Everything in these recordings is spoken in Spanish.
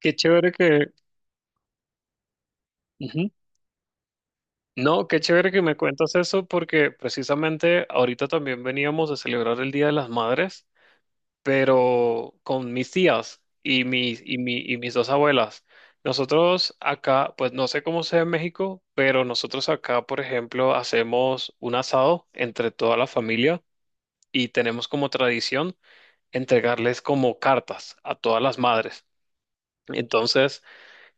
Qué chévere que... Ujú. No, qué chévere que me cuentas eso porque precisamente ahorita también veníamos de celebrar el Día de las Madres, pero con mis tías y mis dos abuelas. Nosotros acá, pues no sé cómo sea en México, pero nosotros acá, por ejemplo, hacemos un asado entre toda la familia y tenemos como tradición entregarles como cartas a todas las madres. Entonces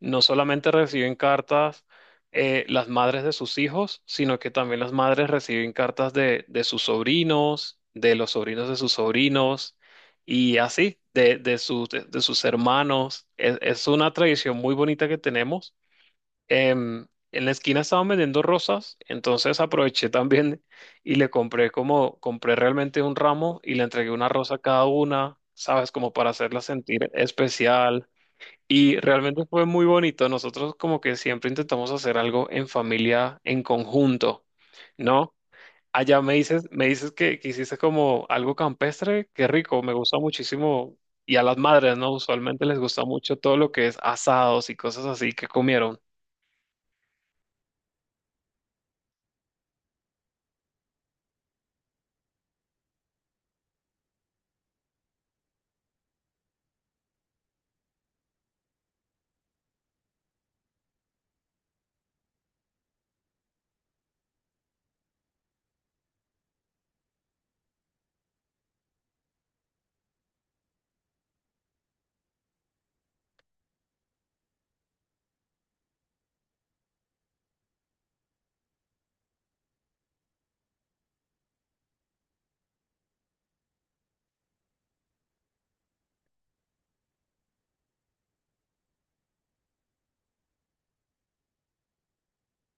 no solamente reciben cartas las madres de sus hijos, sino que también las madres reciben cartas de sus sobrinos, de los sobrinos de sus sobrinos y así, de sus hermanos. Es una tradición muy bonita que tenemos. En la esquina estaban vendiendo rosas, entonces aproveché también y le compré como, compré realmente un ramo y le entregué una rosa a cada una, ¿sabes? Como para hacerla sentir especial. Y realmente fue muy bonito. Nosotros como que siempre intentamos hacer algo en familia, en conjunto, ¿no? Allá me dices que hiciste como algo campestre, qué rico, me gusta muchísimo. Y a las madres, ¿no? Usualmente les gusta mucho todo lo que es asados y cosas así que comieron.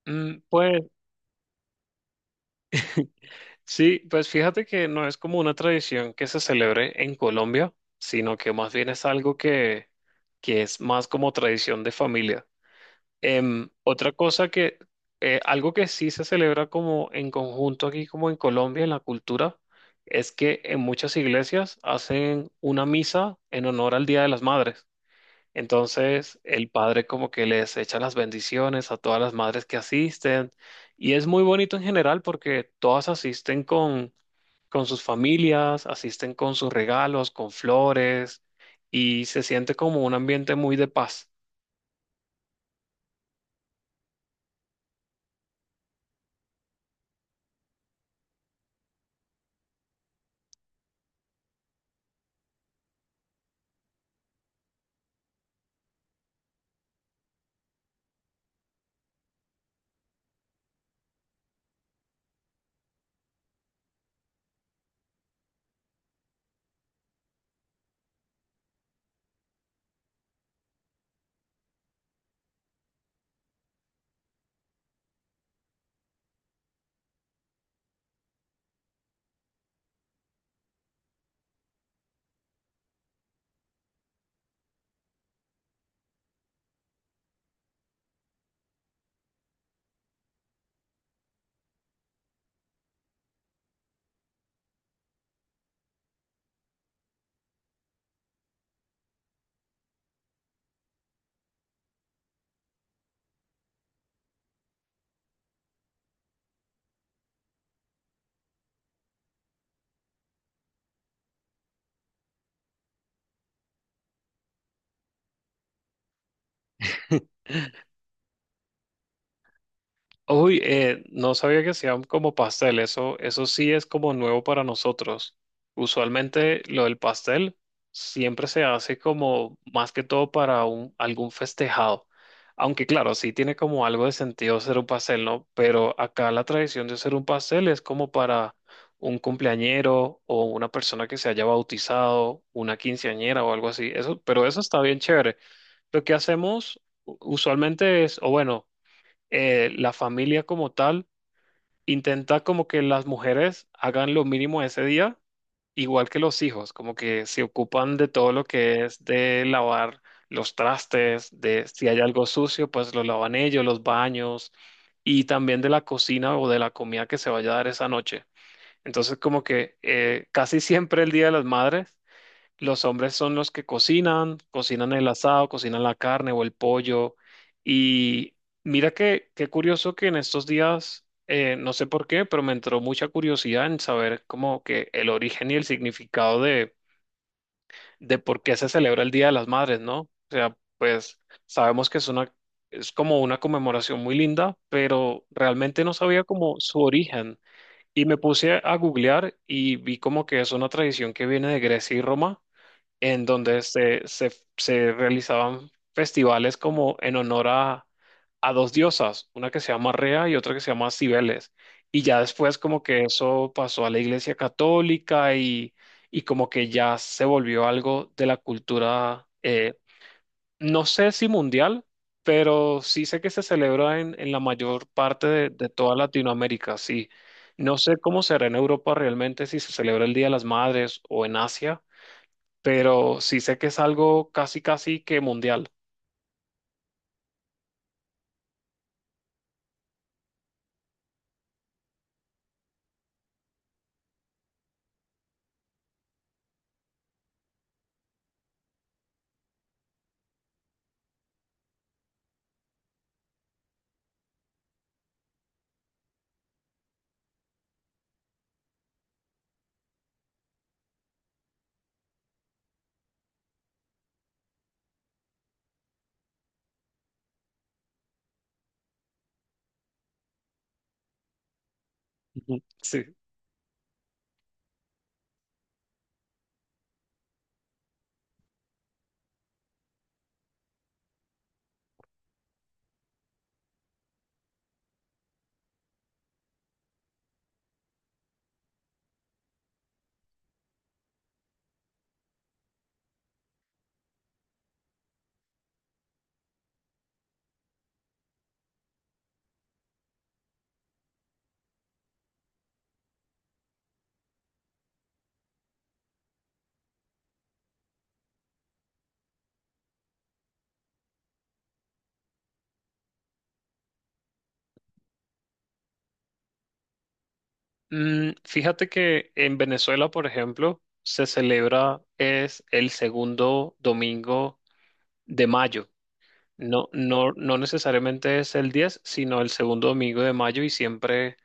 Mm, pues sí, pues fíjate que no es como una tradición que se celebre en Colombia, sino que más bien es algo que es más como tradición de familia. Em, otra cosa que, Algo que sí se celebra como en conjunto aquí, como en Colombia, en la cultura, es que en muchas iglesias hacen una misa en honor al Día de las Madres. Entonces, el padre como que les echa las bendiciones a todas las madres que asisten. Y es muy bonito en general porque todas asisten con sus familias, asisten con sus regalos, con flores, y se siente como un ambiente muy de paz. Uy, no sabía que hacían como pastel, eso sí es como nuevo para nosotros. Usualmente lo del pastel siempre se hace como más que todo para algún festejado. Aunque claro, sí tiene como algo de sentido hacer un pastel, ¿no? Pero acá la tradición de hacer un pastel es como para un cumpleañero o una persona que se haya bautizado, una quinceañera o algo así. Eso, pero eso está bien chévere. Lo que hacemos usualmente es, o bueno, la familia como tal intenta como que las mujeres hagan lo mínimo ese día, igual que los hijos, como que se ocupan de todo lo que es de lavar los trastes, de si hay algo sucio, pues lo lavan ellos, los baños y también de la cocina o de la comida que se vaya a dar esa noche. Entonces como que casi siempre el Día de las Madres los hombres son los que cocinan, cocinan el asado, cocinan la carne o el pollo. Y mira que qué curioso que en estos días, no sé por qué, pero me entró mucha curiosidad en saber como que el origen y el significado de por qué se celebra el Día de las Madres, ¿no? O sea, pues sabemos que es una, es como una conmemoración muy linda, pero realmente no sabía como su origen. Y me puse a googlear y vi como que es una tradición que viene de Grecia y Roma en donde se realizaban festivales como en honor a dos diosas, una que se llama Rea y otra que se llama Cibeles. Y ya después como que eso pasó a la Iglesia Católica y como que ya se volvió algo de la cultura, no sé si mundial, pero sí sé que se celebra en la mayor parte de toda Latinoamérica, sí. No sé cómo será en Europa realmente, si se celebra el Día de las Madres o en Asia, pero sí sé que es algo casi, casi que mundial. Ujú. Sí. Fíjate que en Venezuela, por ejemplo, se celebra, es el segundo domingo de mayo. No, no, no necesariamente es el 10, sino el segundo domingo de mayo y siempre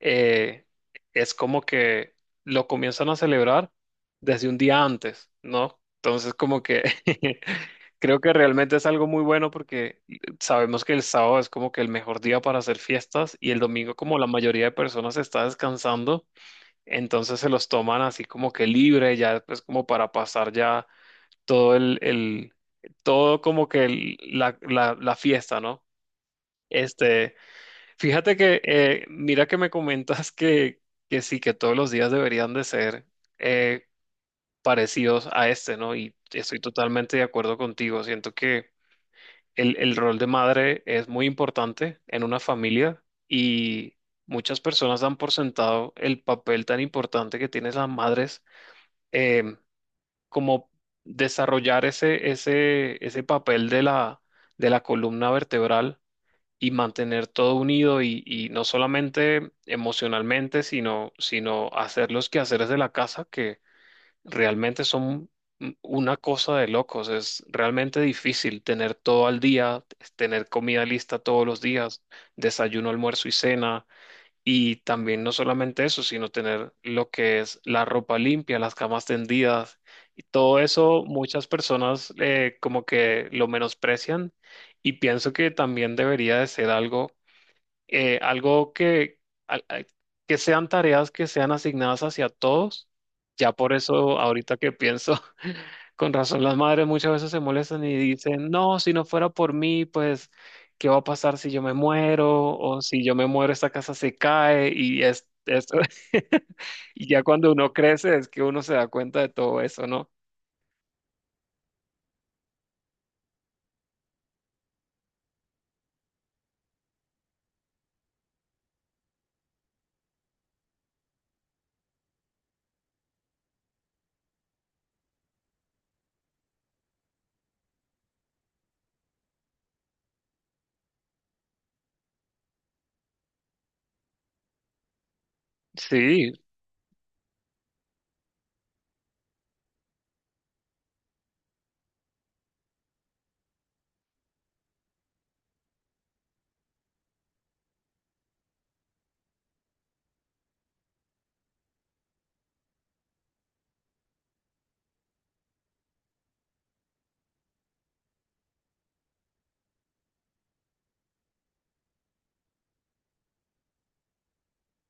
eh, es como que lo comienzan a celebrar desde un día antes, ¿no? Entonces como que creo que realmente es algo muy bueno porque sabemos que el sábado es como que el mejor día para hacer fiestas y el domingo como la mayoría de personas está descansando, entonces se los toman así como que libre, ya pues como para pasar ya todo el, el- todo como que la fiesta, ¿no? Este, fíjate mira que me comentas que sí, que todos los días deberían de ser eh, parecidos a este, ¿no? Y estoy totalmente de acuerdo contigo. Siento que el rol de madre es muy importante en una familia y muchas personas dan por sentado el papel tan importante que tienen las madres. em, Como desarrollar ese papel de la columna vertebral y mantener todo unido y no solamente emocionalmente, sino hacer los quehaceres de la casa que realmente son una cosa de locos. Es realmente difícil tener todo al día, tener comida lista todos los días, desayuno, almuerzo y cena, y también no solamente eso, sino tener lo que es la ropa limpia, las camas tendidas, y todo eso muchas personas como que lo menosprecian y pienso que también debería de ser algo eh, algo que, al- al- que sean tareas que sean asignadas hacia todos. Ya por eso, ahorita que pienso, con razón las madres muchas veces se molestan y dicen, no, si no fuera por mí, pues, ¿qué va a pasar si yo me muero? O si yo me muero, esta casa se cae y es, esto. Y ya cuando uno crece es que uno se da cuenta de todo eso, ¿no? Sí,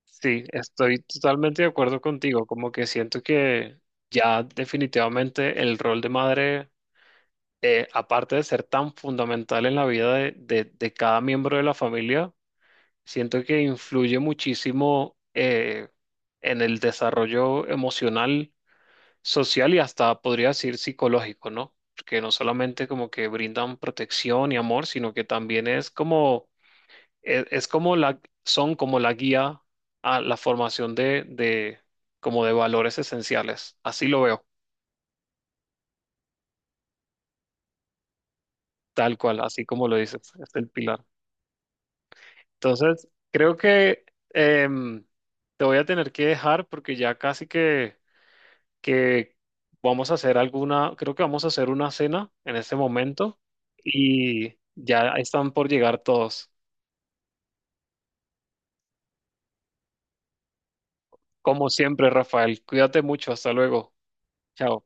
sí, estoy totalmente de acuerdo contigo, como que siento que ya definitivamente el rol de madre aparte de ser tan fundamental en la vida de cada miembro de la familia, siento que influye muchísimo en el desarrollo emocional, social y hasta podría decir psicológico, ¿no? Porque no solamente como que brindan protección y amor, sino que también es como, son como la guía a la formación de, como de valores esenciales. Así lo veo, tal cual, así como lo dices, es el pilar. Entonces, creo que em, te voy a tener que dejar porque ya casi que vamos a hacer alguna, creo que vamos a hacer una cena en este momento y ya están por llegar todos. Como siempre, Rafael, cuídate mucho, hasta luego. Chao.